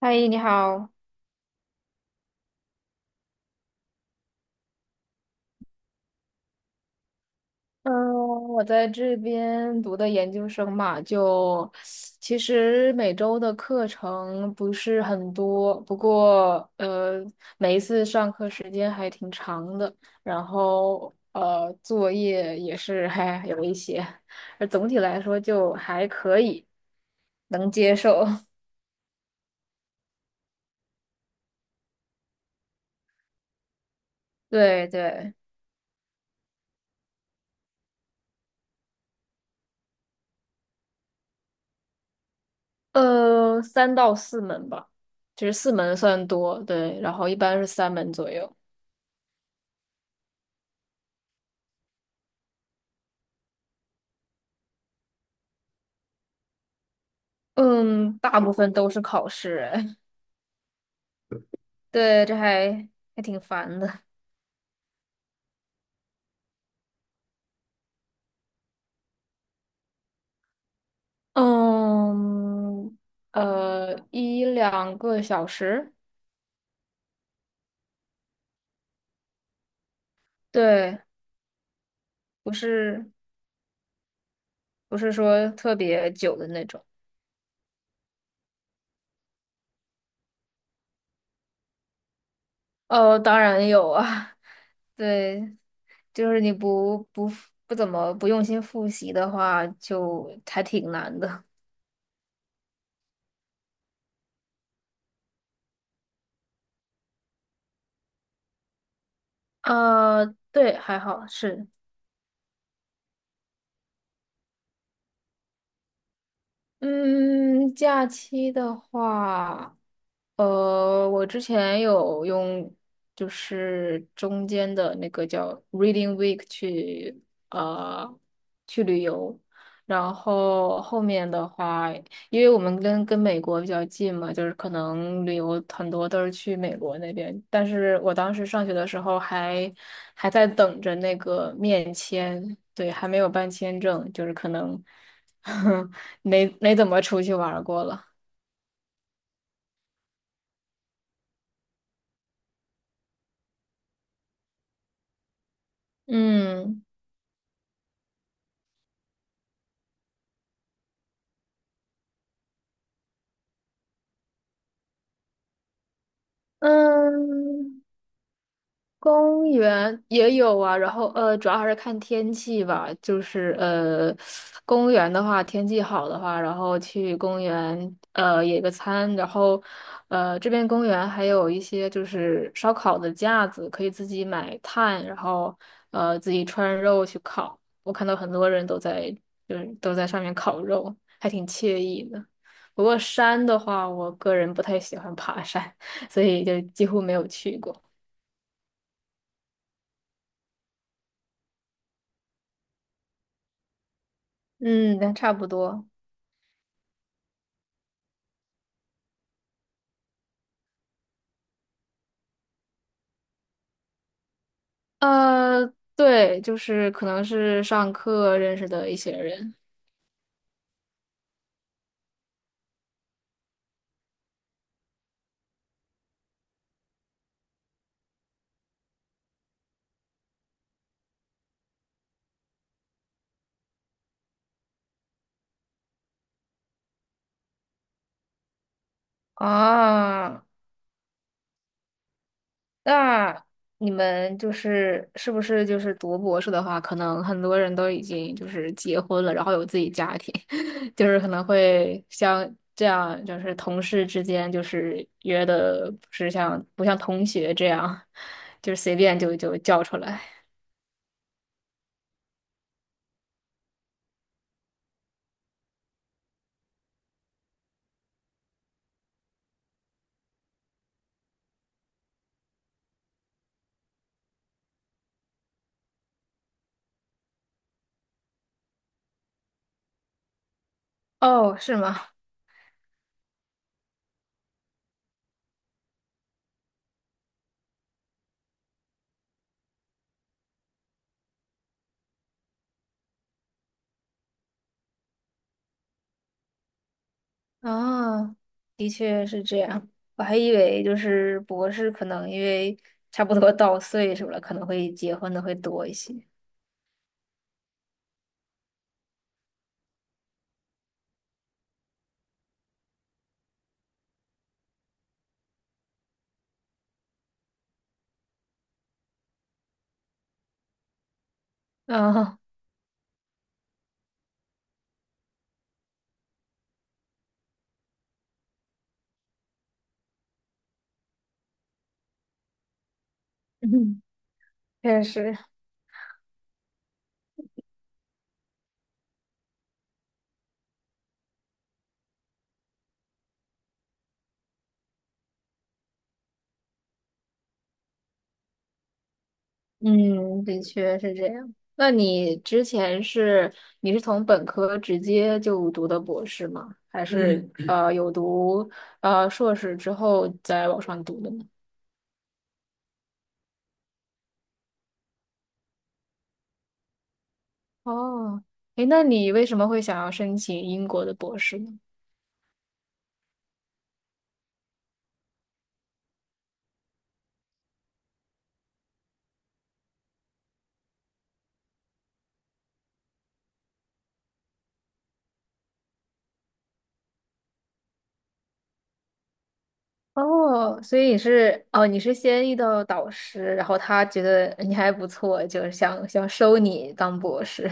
嗨，你好。嗯，我在这边读的研究生嘛，就其实每周的课程不是很多，不过每一次上课时间还挺长的，然后作业也是还有一些，而总体来说就还可以，能接受。对对，三到四门吧，其实四门算多，对，然后一般是三门左右。嗯，大部分都是考试，哎，对，还挺烦的。嗯，一两个小时，对，不是不是说特别久的那种。哦，当然有啊，对，就是你不不不怎么不用心复习的话，就还挺难的。啊，对，还好是。嗯，假期的话，我之前有用，就是中间的那个叫 Reading Week 去，呃，去旅游，然后后面的话。因为我们跟美国比较近嘛，就是可能旅游很多都是去美国那边。但是我当时上学的时候还在等着那个面签，对，还没有办签证，就是可能 没怎么出去玩儿过了。嗯嗯，公园也有啊，然后主要还是看天气吧。就是公园的话，天气好的话，然后去公园野个餐，然后这边公园还有一些就是烧烤的架子，可以自己买炭，然后自己穿肉去烤。我看到很多人都在就是都在上面烤肉，还挺惬意的。不过山的话，我个人不太喜欢爬山，所以就几乎没有去过。嗯，那差不多。呃，对，就是可能是上课认识的一些人。啊，那你们就是是不是就是读博士的话，可能很多人都已经就是结婚了，然后有自己家庭，就是可能会像这样，就是同事之间就是约的不像同学这样，就是随便就叫出来。哦，是吗？啊，的确是这样。我还以为就是博士可能因为差不多到岁数了，可能会结婚的会多一些。啊，嗯，确实，嗯，的确是这样。那你之前是你是从本科直接就读的博士吗？还是有读硕士之后再往上读的呢？哦，诶，那你为什么会想要申请英国的博士呢？哦，所以你是哦，你是先遇到导师，然后他觉得你还不错，就是想收你当博士。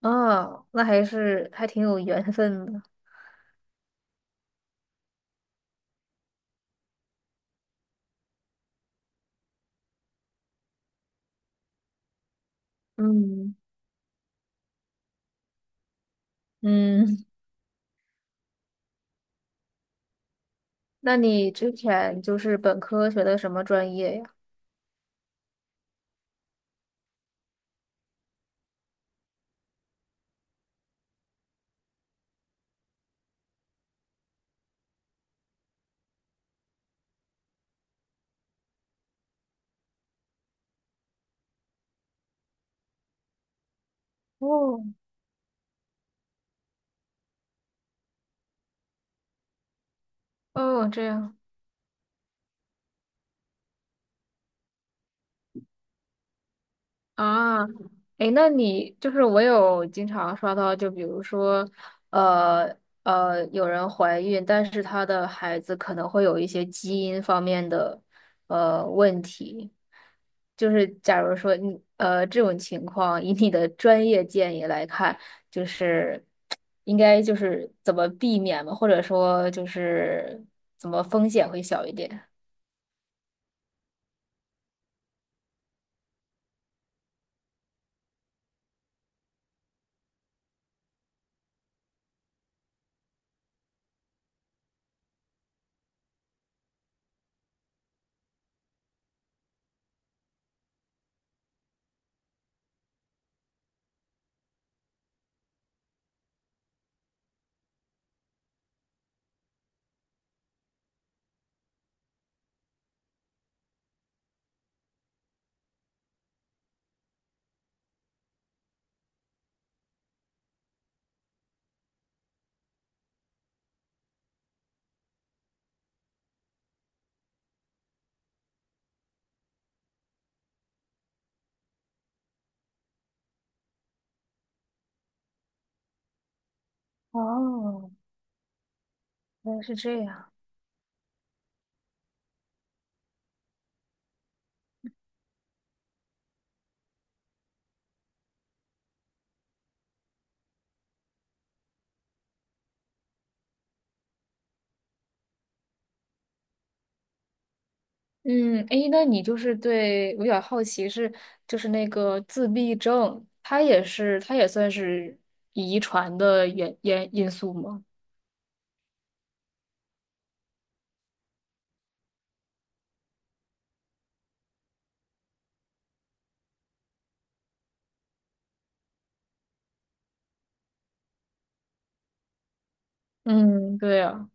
哦，那还是还挺有缘分的。嗯嗯，那你之前就是本科学的什么专业呀？哦哦，这样。啊，哎，那你就是我有经常刷到，就比如说，呃有人怀孕，但是她的孩子可能会有一些基因方面的问题，就是假如说你这种情况，以你的专业建议来看，就是应该就是怎么避免嘛，或者说就是怎么风险会小一点？哦，原来是这样。嗯，诶，那你就是对我比较好奇是，就是那个自闭症，它也是它也算是遗传的因素吗？嗯，对啊，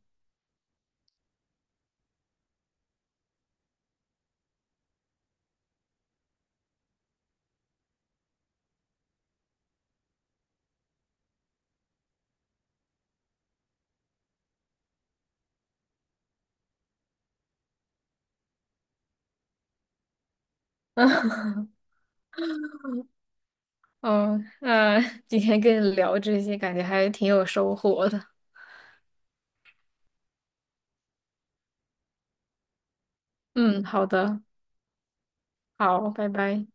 嗯，那 今天跟你聊这些，感觉还挺有收获的。嗯，好的，好，拜拜。